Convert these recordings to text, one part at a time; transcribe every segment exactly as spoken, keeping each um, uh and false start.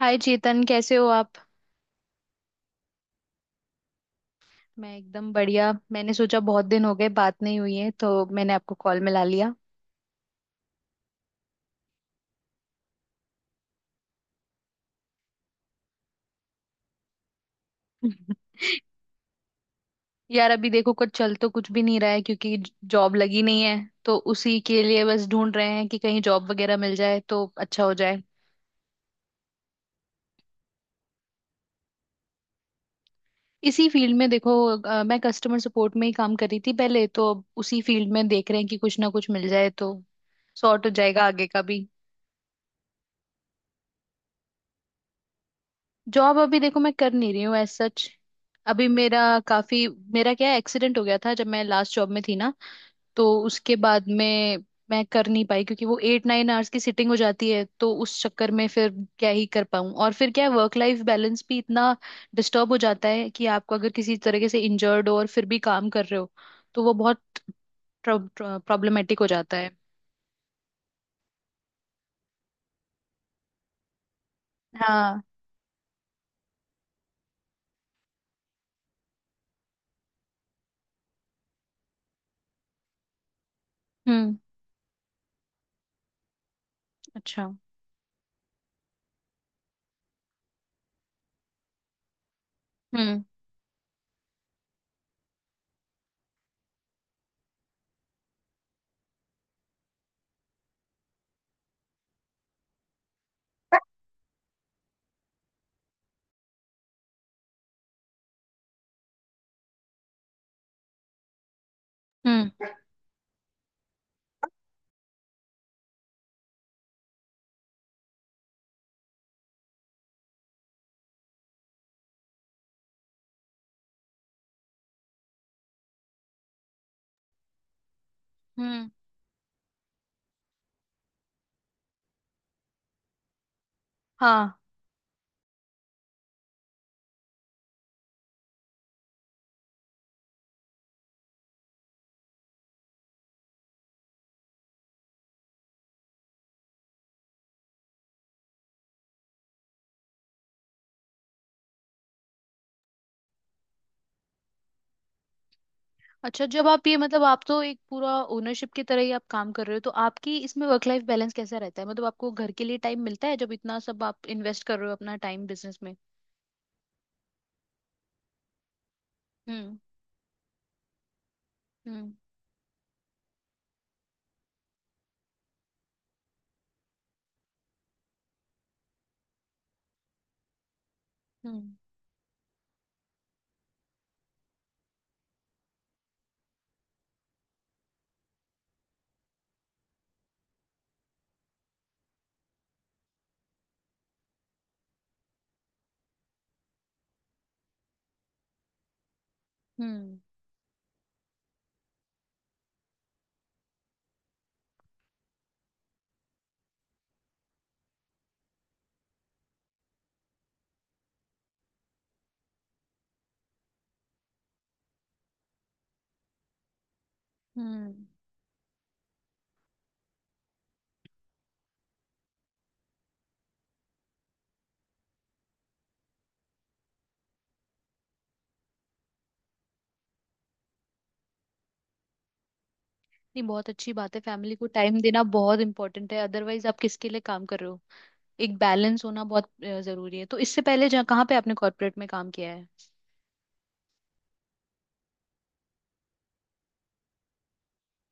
हाय चेतन, कैसे हो आप। मैं एकदम बढ़िया। मैंने सोचा बहुत दिन हो गए, बात नहीं हुई है, तो मैंने आपको कॉल मिला लिया। यार अभी देखो, कुछ चल तो कुछ भी नहीं रहा है, क्योंकि जॉब लगी नहीं है। तो उसी के लिए बस ढूंढ रहे हैं कि कहीं जॉब वगैरह मिल जाए तो अच्छा हो जाए। इसी फील्ड में देखो अ, मैं कस्टमर सपोर्ट में ही काम कर रही थी पहले, तो अब उसी फील्ड में देख रहे हैं कि कुछ ना कुछ मिल जाए तो सॉर्ट हो जाएगा आगे का भी। जॉब अभी देखो, मैं कर नहीं रही हूँ एज सच। अभी मेरा काफी, मेरा क्या एक्सीडेंट हो गया था जब मैं लास्ट जॉब में थी ना। तो उसके बाद में मैं कर नहीं पाई, क्योंकि वो एट नाइन आवर्स की सिटिंग हो जाती है। तो उस चक्कर में फिर क्या ही कर पाऊँ, और फिर क्या वर्क लाइफ बैलेंस भी इतना डिस्टर्ब हो जाता है कि आपको अगर किसी तरीके से इंजर्ड हो और फिर भी काम कर रहे हो, तो वो बहुत प्रॉब्लमेटिक हो जाता है। हाँ। हम्म। अच्छा। हम्म। हम्म। हम्म। हाँ। अच्छा, जब आप ये, मतलब आप तो एक पूरा ओनरशिप की तरह ही आप काम कर रहे हो, तो आपकी इसमें वर्क लाइफ बैलेंस कैसा रहता है? मतलब आपको घर के लिए टाइम मिलता है, जब इतना सब आप इन्वेस्ट कर रहे हो अपना टाइम बिजनेस में? हम्म। हम्म। हम्म। हम्म। हम्म। नहीं, बहुत अच्छी बात है। फैमिली को टाइम देना बहुत इंपॉर्टेंट है, अदरवाइज आप किसके लिए काम कर रहे हो। एक बैलेंस होना बहुत अ, जरूरी है। तो इससे पहले जहाँ कहाँ पे आपने कॉर्पोरेट में काम किया है?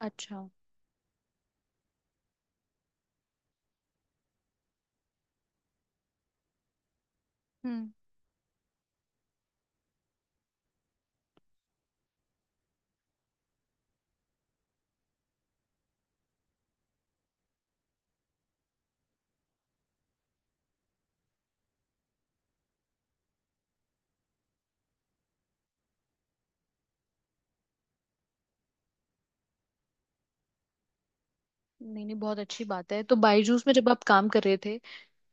अच्छा। हम्म। नहीं नहीं, बहुत अच्छी बात है। तो बायजूस में जब आप काम कर रहे थे,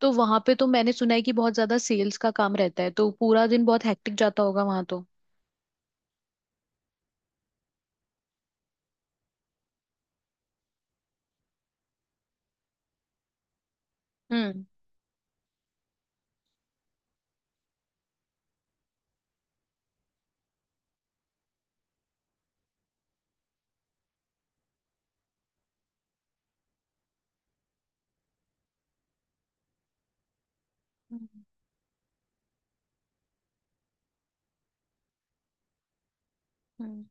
तो वहां पे तो मैंने सुना है कि बहुत ज्यादा सेल्स का काम रहता है। तो पूरा दिन बहुत हेक्टिक जाता होगा वहां तो। हम्म। हम्म। हम्म।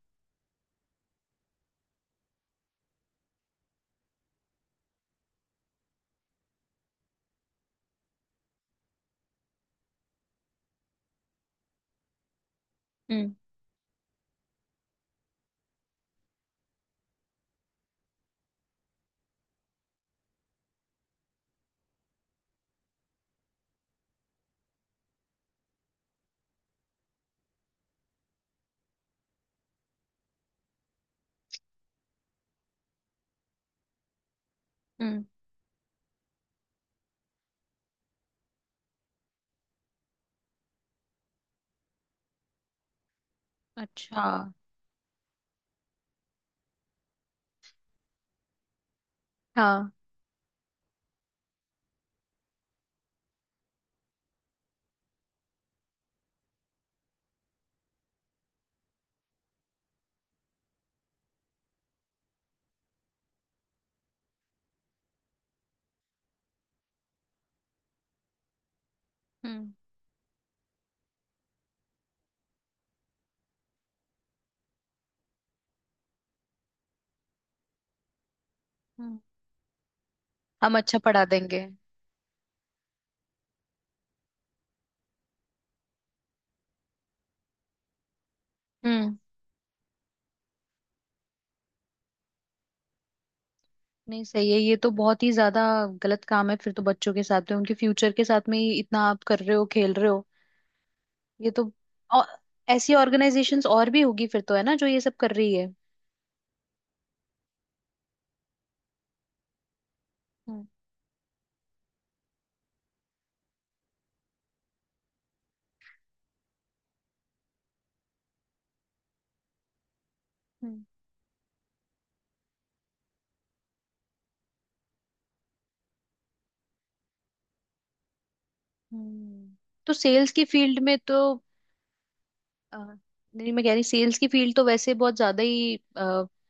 हम्म। हम्म, अच्छा। हाँ। हाँ। हम्म। हम्म। हम अच्छा पढ़ा देंगे। हम्म। नहीं सही है, ये तो बहुत ही ज्यादा गलत काम है फिर तो। बच्चों के साथ में, उनके फ्यूचर के साथ में ही इतना आप कर रहे हो, खेल रहे हो ये तो। और ऐसी ऑर्गेनाइजेशंस और भी होगी फिर तो है ना, जो ये सब कर रही है। हम्म। हम्म, हम्म। तो सेल्स की फील्ड में तो अ, नहीं, मैं कह रही सेल्स की फील्ड तो वैसे बहुत ज्यादा ही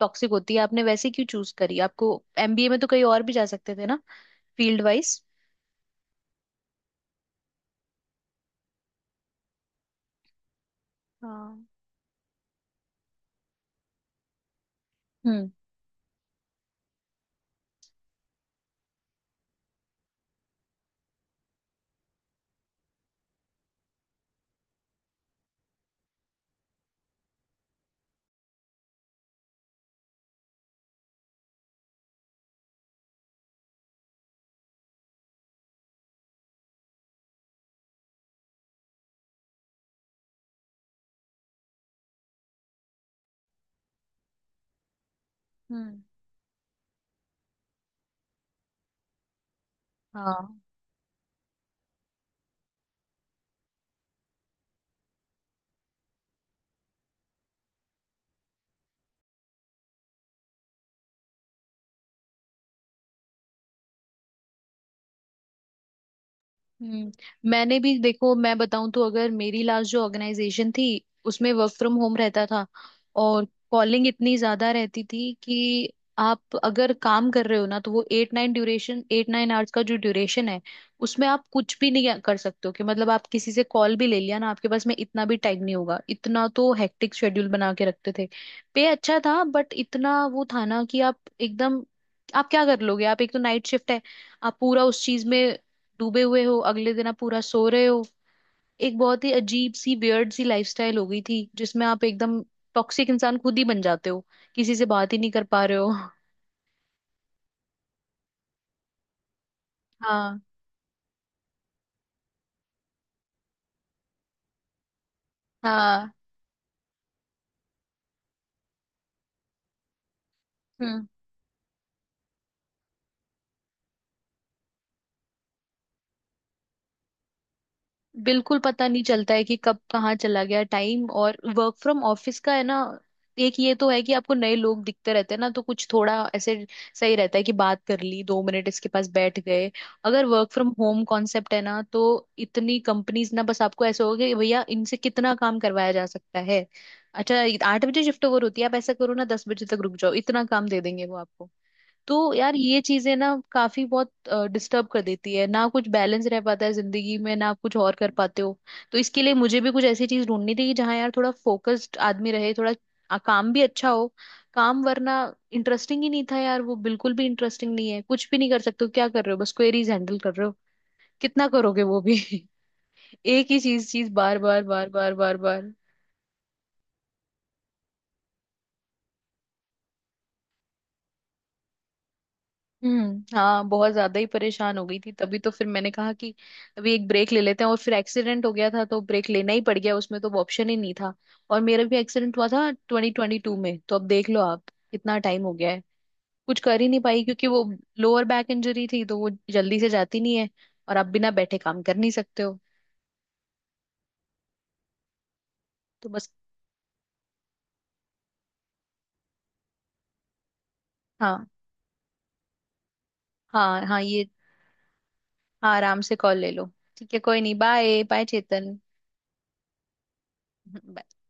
टॉक्सिक होती है। आपने वैसे क्यों चूज करी? आपको एमबीए में तो कहीं और भी जा सकते थे ना, फील्ड वाइज। हाँ। हम्म। हम्म। हाँ। हम्म। मैंने भी, देखो मैं बताऊं तो, अगर मेरी लास्ट जो ऑर्गेनाइजेशन थी, उसमें वर्क फ्रॉम होम रहता था और कॉलिंग इतनी ज्यादा रहती थी कि आप अगर काम कर रहे हो ना, तो वो eight nine duration, eight nine hours का जो ड्यूरेशन है, उसमें आप कुछ भी नहीं कर सकते हो। कि मतलब आप किसी से कॉल भी ले लिया ना, आपके पास में इतना भी टाइम नहीं होगा। इतना तो हेक्टिक शेड्यूल बना के रखते थे। पे अच्छा था, बट इतना वो था ना कि आप एकदम, आप क्या कर लोगे? आप एक तो नाइट शिफ्ट है, आप पूरा उस चीज में डूबे हुए हो, अगले दिन आप पूरा सो रहे हो। एक बहुत ही अजीब सी, वियर्ड सी लाइफस्टाइल हो गई थी, जिसमें आप एकदम टॉक्सिक इंसान खुद ही बन जाते हो, किसी से बात ही नहीं कर पा रहे हो। हाँ। हाँ। हम्म। बिल्कुल पता नहीं चलता है कि कब कहाँ चला गया टाइम। और वर्क फ्रॉम ऑफिस का है ना, एक ये तो है कि आपको नए लोग दिखते रहते हैं ना, तो कुछ थोड़ा ऐसे सही रहता है कि बात कर ली दो मिनट, इसके पास बैठ गए। अगर वर्क फ्रॉम होम कॉन्सेप्ट है ना, तो इतनी कंपनीज ना, बस आपको ऐसे होगा कि भैया इनसे कितना काम करवाया जा सकता है। अच्छा, आठ बजे शिफ्ट ओवर होती है, आप ऐसा करो ना दस बजे तक रुक जाओ, इतना काम दे देंगे वो आपको। तो यार ये चीजें ना काफी बहुत डिस्टर्ब कर देती है ना, कुछ बैलेंस रह पाता है जिंदगी में ना, कुछ और कर पाते हो। तो इसके लिए मुझे भी कुछ ऐसी चीज ढूंढनी थी कि जहाँ यार थोड़ा फोकस्ड आदमी रहे, थोड़ा आ, काम भी अच्छा हो, काम वरना इंटरेस्टिंग ही नहीं था यार वो। बिल्कुल भी इंटरेस्टिंग नहीं है, कुछ भी नहीं कर सकते हो, क्या कर रहे हो, बस क्वेरीज हैंडल कर रहे हो। कितना करोगे वो भी। एक ही चीज, चीज बार बार बार बार बार बार। हम्म, हाँ, बहुत ज्यादा ही परेशान हो गई थी, तभी तो फिर मैंने कहा कि अभी एक ब्रेक ले लेते हैं। और फिर एक्सीडेंट हो गया था, तो ब्रेक लेना ही पड़ गया उसमें, तो अब ऑप्शन ही नहीं था। और मेरा भी एक्सीडेंट हुआ था ट्वेंटी ट्वेंटी टू में, तो अब देख लो आप कितना टाइम हो गया है। कुछ कर ही नहीं पाई, क्योंकि वो लोअर बैक इंजरी थी, तो वो जल्दी से जाती नहीं है। और आप बिना बैठे काम कर नहीं सकते हो। तो बस। हाँ। हाँ, हाँ, ये। हाँ, आराम से कॉल ले लो। ठीक है कोई नहीं, बाय बाय चेतन।